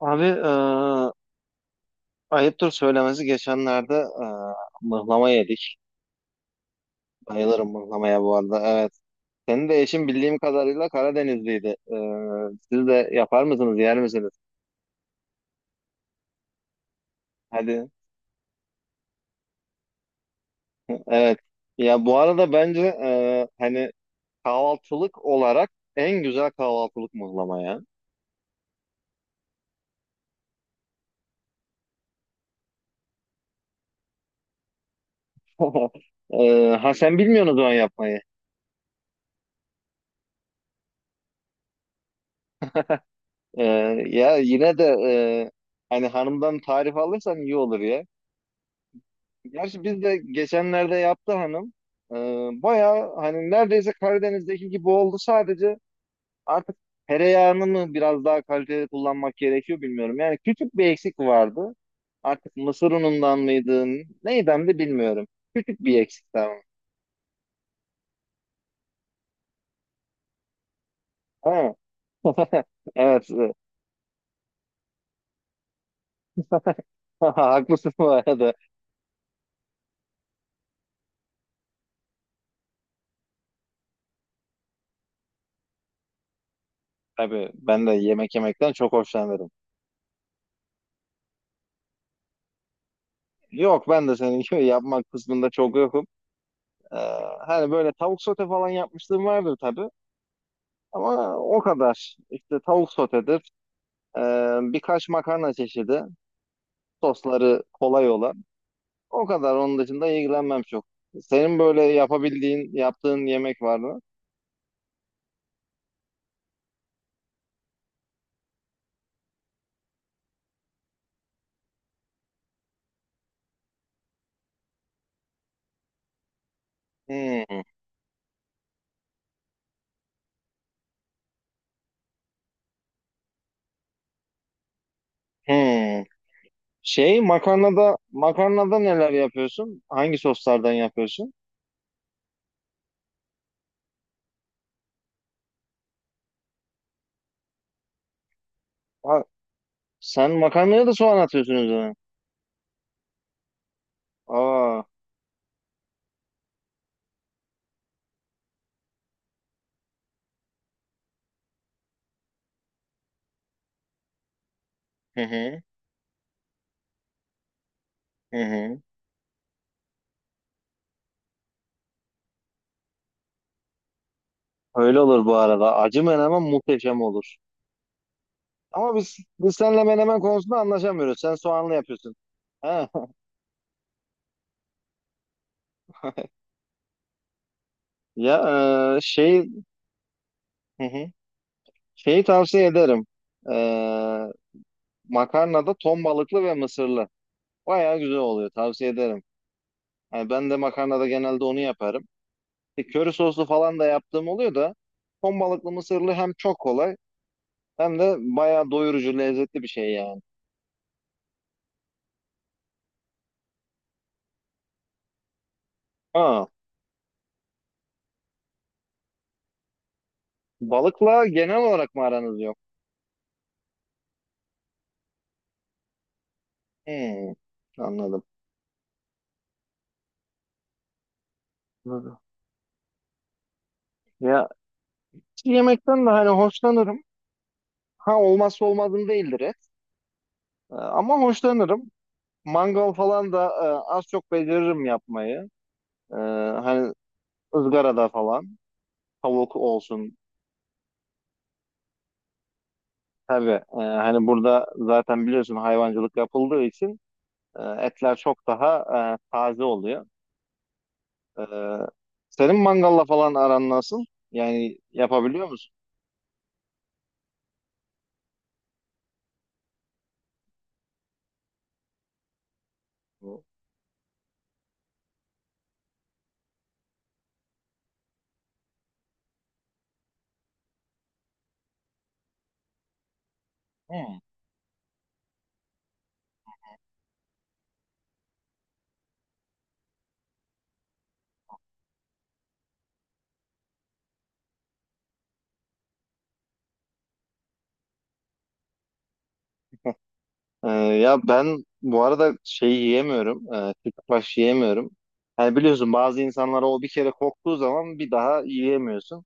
Abi ayıptır söylemesi geçenlerde eee mıhlama yedik. Bayılırım mıhlamaya bu arada. Evet. Senin de eşin bildiğim kadarıyla Karadenizliydi. Siz de yapar mısınız, yer misiniz? Hadi. Evet. Ya bu arada bence hani kahvaltılık olarak en güzel kahvaltılık mıhlama ya. Ha sen bilmiyorsun o zaman yapmayı. Ya yine de, hani hanımdan tarif alırsan iyi olur. Gerçi biz de geçenlerde yaptı hanım. Ee, bayağı hani neredeyse Karadeniz'deki gibi oldu. Sadece artık tereyağını mı biraz daha kaliteli kullanmak gerekiyor bilmiyorum. Yani küçük bir eksik vardı. Artık mısır unundan mıydı? Neyden de bilmiyorum. Küçük bir eksik tamam. Ha. Evet. Haklısın bu arada. Tabii ben de yemek yemekten çok hoşlanırım. Yok ben de senin gibi yapmak kısmında çok yokum. Ee, hani böyle tavuk sote falan yapmışlığım vardır tabii. Ama o kadar. İşte tavuk sotedir, e, birkaç makarna çeşidi, sosları kolay olan. O kadar. Onun dışında ilgilenmem çok. Senin böyle yapabildiğin, yaptığın yemek var mı? Hmm, hmm. Şey, makarnada, neler yapıyorsun? Hangi soslardan yapıyorsun? Ha, sen makarnaya da soğan atıyorsun üzerine. Aa, hı hı, hı hı. Öyle olur bu arada. Acı menemen muhteşem olur. Ama biz seninle menemen konusunda anlaşamıyoruz. Sen soğanlı yapıyorsun. He. Ya şey, hı hı. Şeyi tavsiye ederim. E, makarnada ton balıklı ve mısırlı. Bayağı güzel oluyor. Tavsiye ederim. Yani ben de makarnada genelde onu yaparım. Köri soslu falan da yaptığım oluyor da ton balıklı mısırlı hem çok kolay hem de bayağı doyurucu lezzetli bir şey yani. Ha, balıkla genel olarak mı aranız yok? Hmm, anladım. Anladım. Ya yemekten de hani hoşlanırım. Ha olmazsa olmazım değildir et. Ama hoşlanırım. Mangal falan da az çok beceririm yapmayı. E, hani ızgarada falan tavuk olsun. Tabii hani burada zaten biliyorsun hayvancılık yapıldığı için etler çok daha taze oluyor. E, senin mangalla falan aran nasıl? Yani yapabiliyor musun? Hmm. Ya ben bu arada şeyi yiyemiyorum. Kütbaş yiyemiyorum. Hani biliyorsun bazı insanlara o bir kere koktuğu zaman bir daha yiyemiyorsun.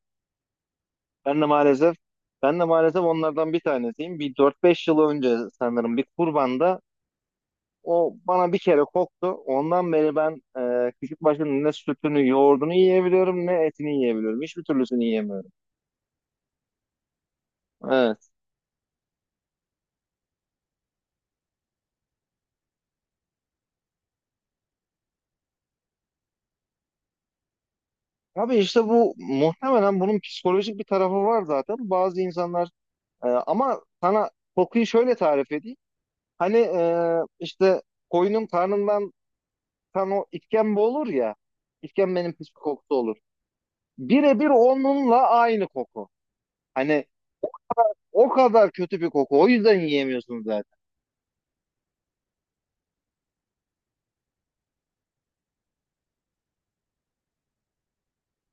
Ben de maalesef ben de maalesef onlardan bir tanesiyim. Bir dört beş yıl önce sanırım bir kurbanda o bana bir kere koktu. Ondan beri ben küçük başının ne sütünü, yoğurdunu yiyebiliyorum ne etini yiyebiliyorum. Hiçbir türlüsünü yiyemiyorum. Evet. Abi işte bu muhtemelen bunun psikolojik bir tarafı var zaten. Bazı insanlar ama sana kokuyu şöyle tarif edeyim. Hani işte koyunun karnından kan o işkembe olur ya. İşkembenin pis bir kokusu olur. Birebir onunla aynı koku. Hani o kadar kötü bir koku. O yüzden yiyemiyorsunuz zaten.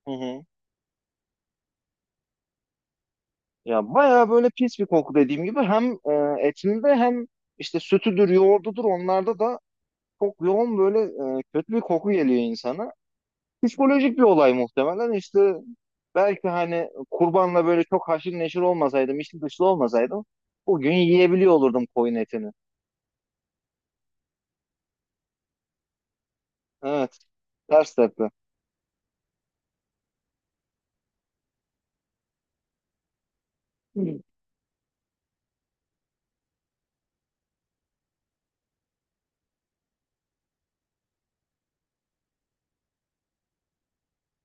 Hı hı. Ya bayağı böyle pis bir koku dediğim gibi hem etinde hem işte sütüdür, yoğurdudur onlarda da çok yoğun böyle kötü bir koku geliyor insana. Psikolojik bir olay muhtemelen. İşte belki hani kurbanla böyle çok haşır neşir olmasaydım, içli dışlı olmasaydım bugün yiyebiliyor olurdum koyun etini. Evet, ters tepe.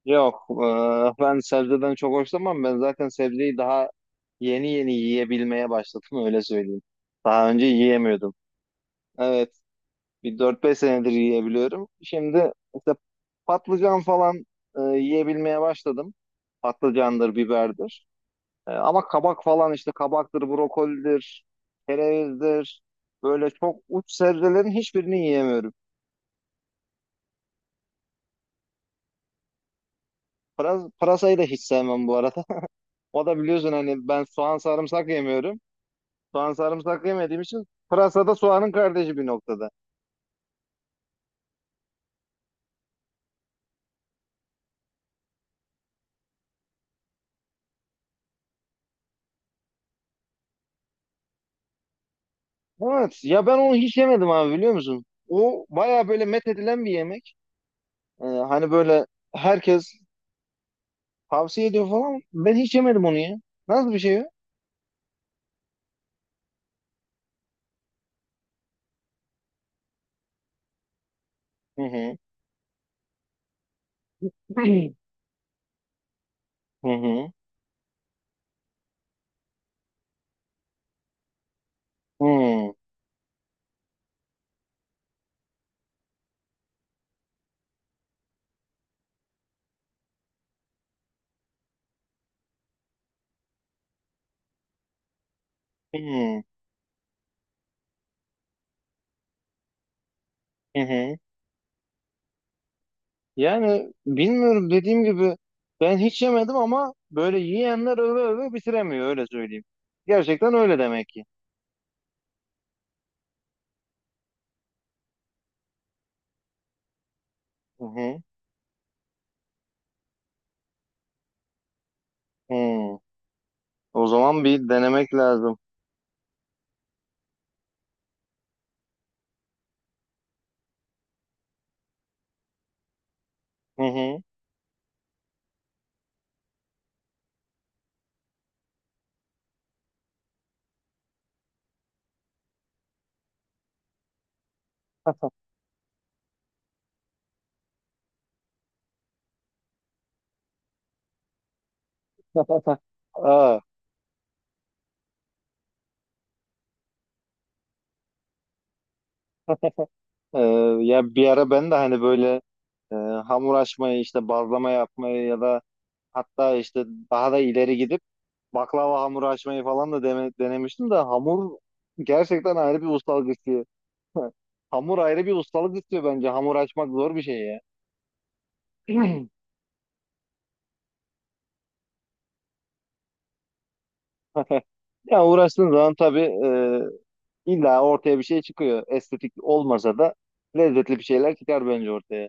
Yok, ben sebzeden çok hoşlanmam. Ben zaten sebzeyi daha yeni yeni yiyebilmeye başladım öyle söyleyeyim. Daha önce yiyemiyordum. Evet, bir dört beş senedir yiyebiliyorum. Şimdi işte patlıcan falan, yiyebilmeye başladım. Patlıcandır, biberdir. Ama kabak falan işte kabaktır, brokolidir, kerevizdir. Böyle çok uç sebzelerin hiçbirini yiyemiyorum. Pırasayı da hiç sevmem bu arada. O da biliyorsun hani ben soğan sarımsak yemiyorum. Soğan sarımsak yemediğim için pırasa da soğanın kardeşi bir noktada. Evet ya ben onu hiç yemedim abi biliyor musun? O baya böyle met edilen bir yemek. Hani böyle herkes tavsiye ediyor falan. Ben hiç yemedim onu ya. Nasıl bir şey o? Hı hı. Hı hı. Hı hı. Hı hı. Yani bilmiyorum dediğim gibi ben hiç yemedim ama böyle yiyenler öve öve bitiremiyor öyle söyleyeyim. Gerçekten öyle demek ki. Hı hı. Hı. O zaman bir denemek lazım. Hı hı. Aa, e, ya bir ara ben de hani böyle hamur açmayı işte bazlama yapmayı ya da hatta işte daha da ileri gidip baklava hamuru açmayı falan da denemiştim de hamur gerçekten ayrı bir ustalık istiyor. Hamur ayrı bir ustalık istiyor bence. Hamur açmak zor bir şey ya. Ya uğraştığın zaman tabii illa ortaya bir şey çıkıyor. Estetik olmasa da lezzetli bir şeyler çıkar bence ortaya.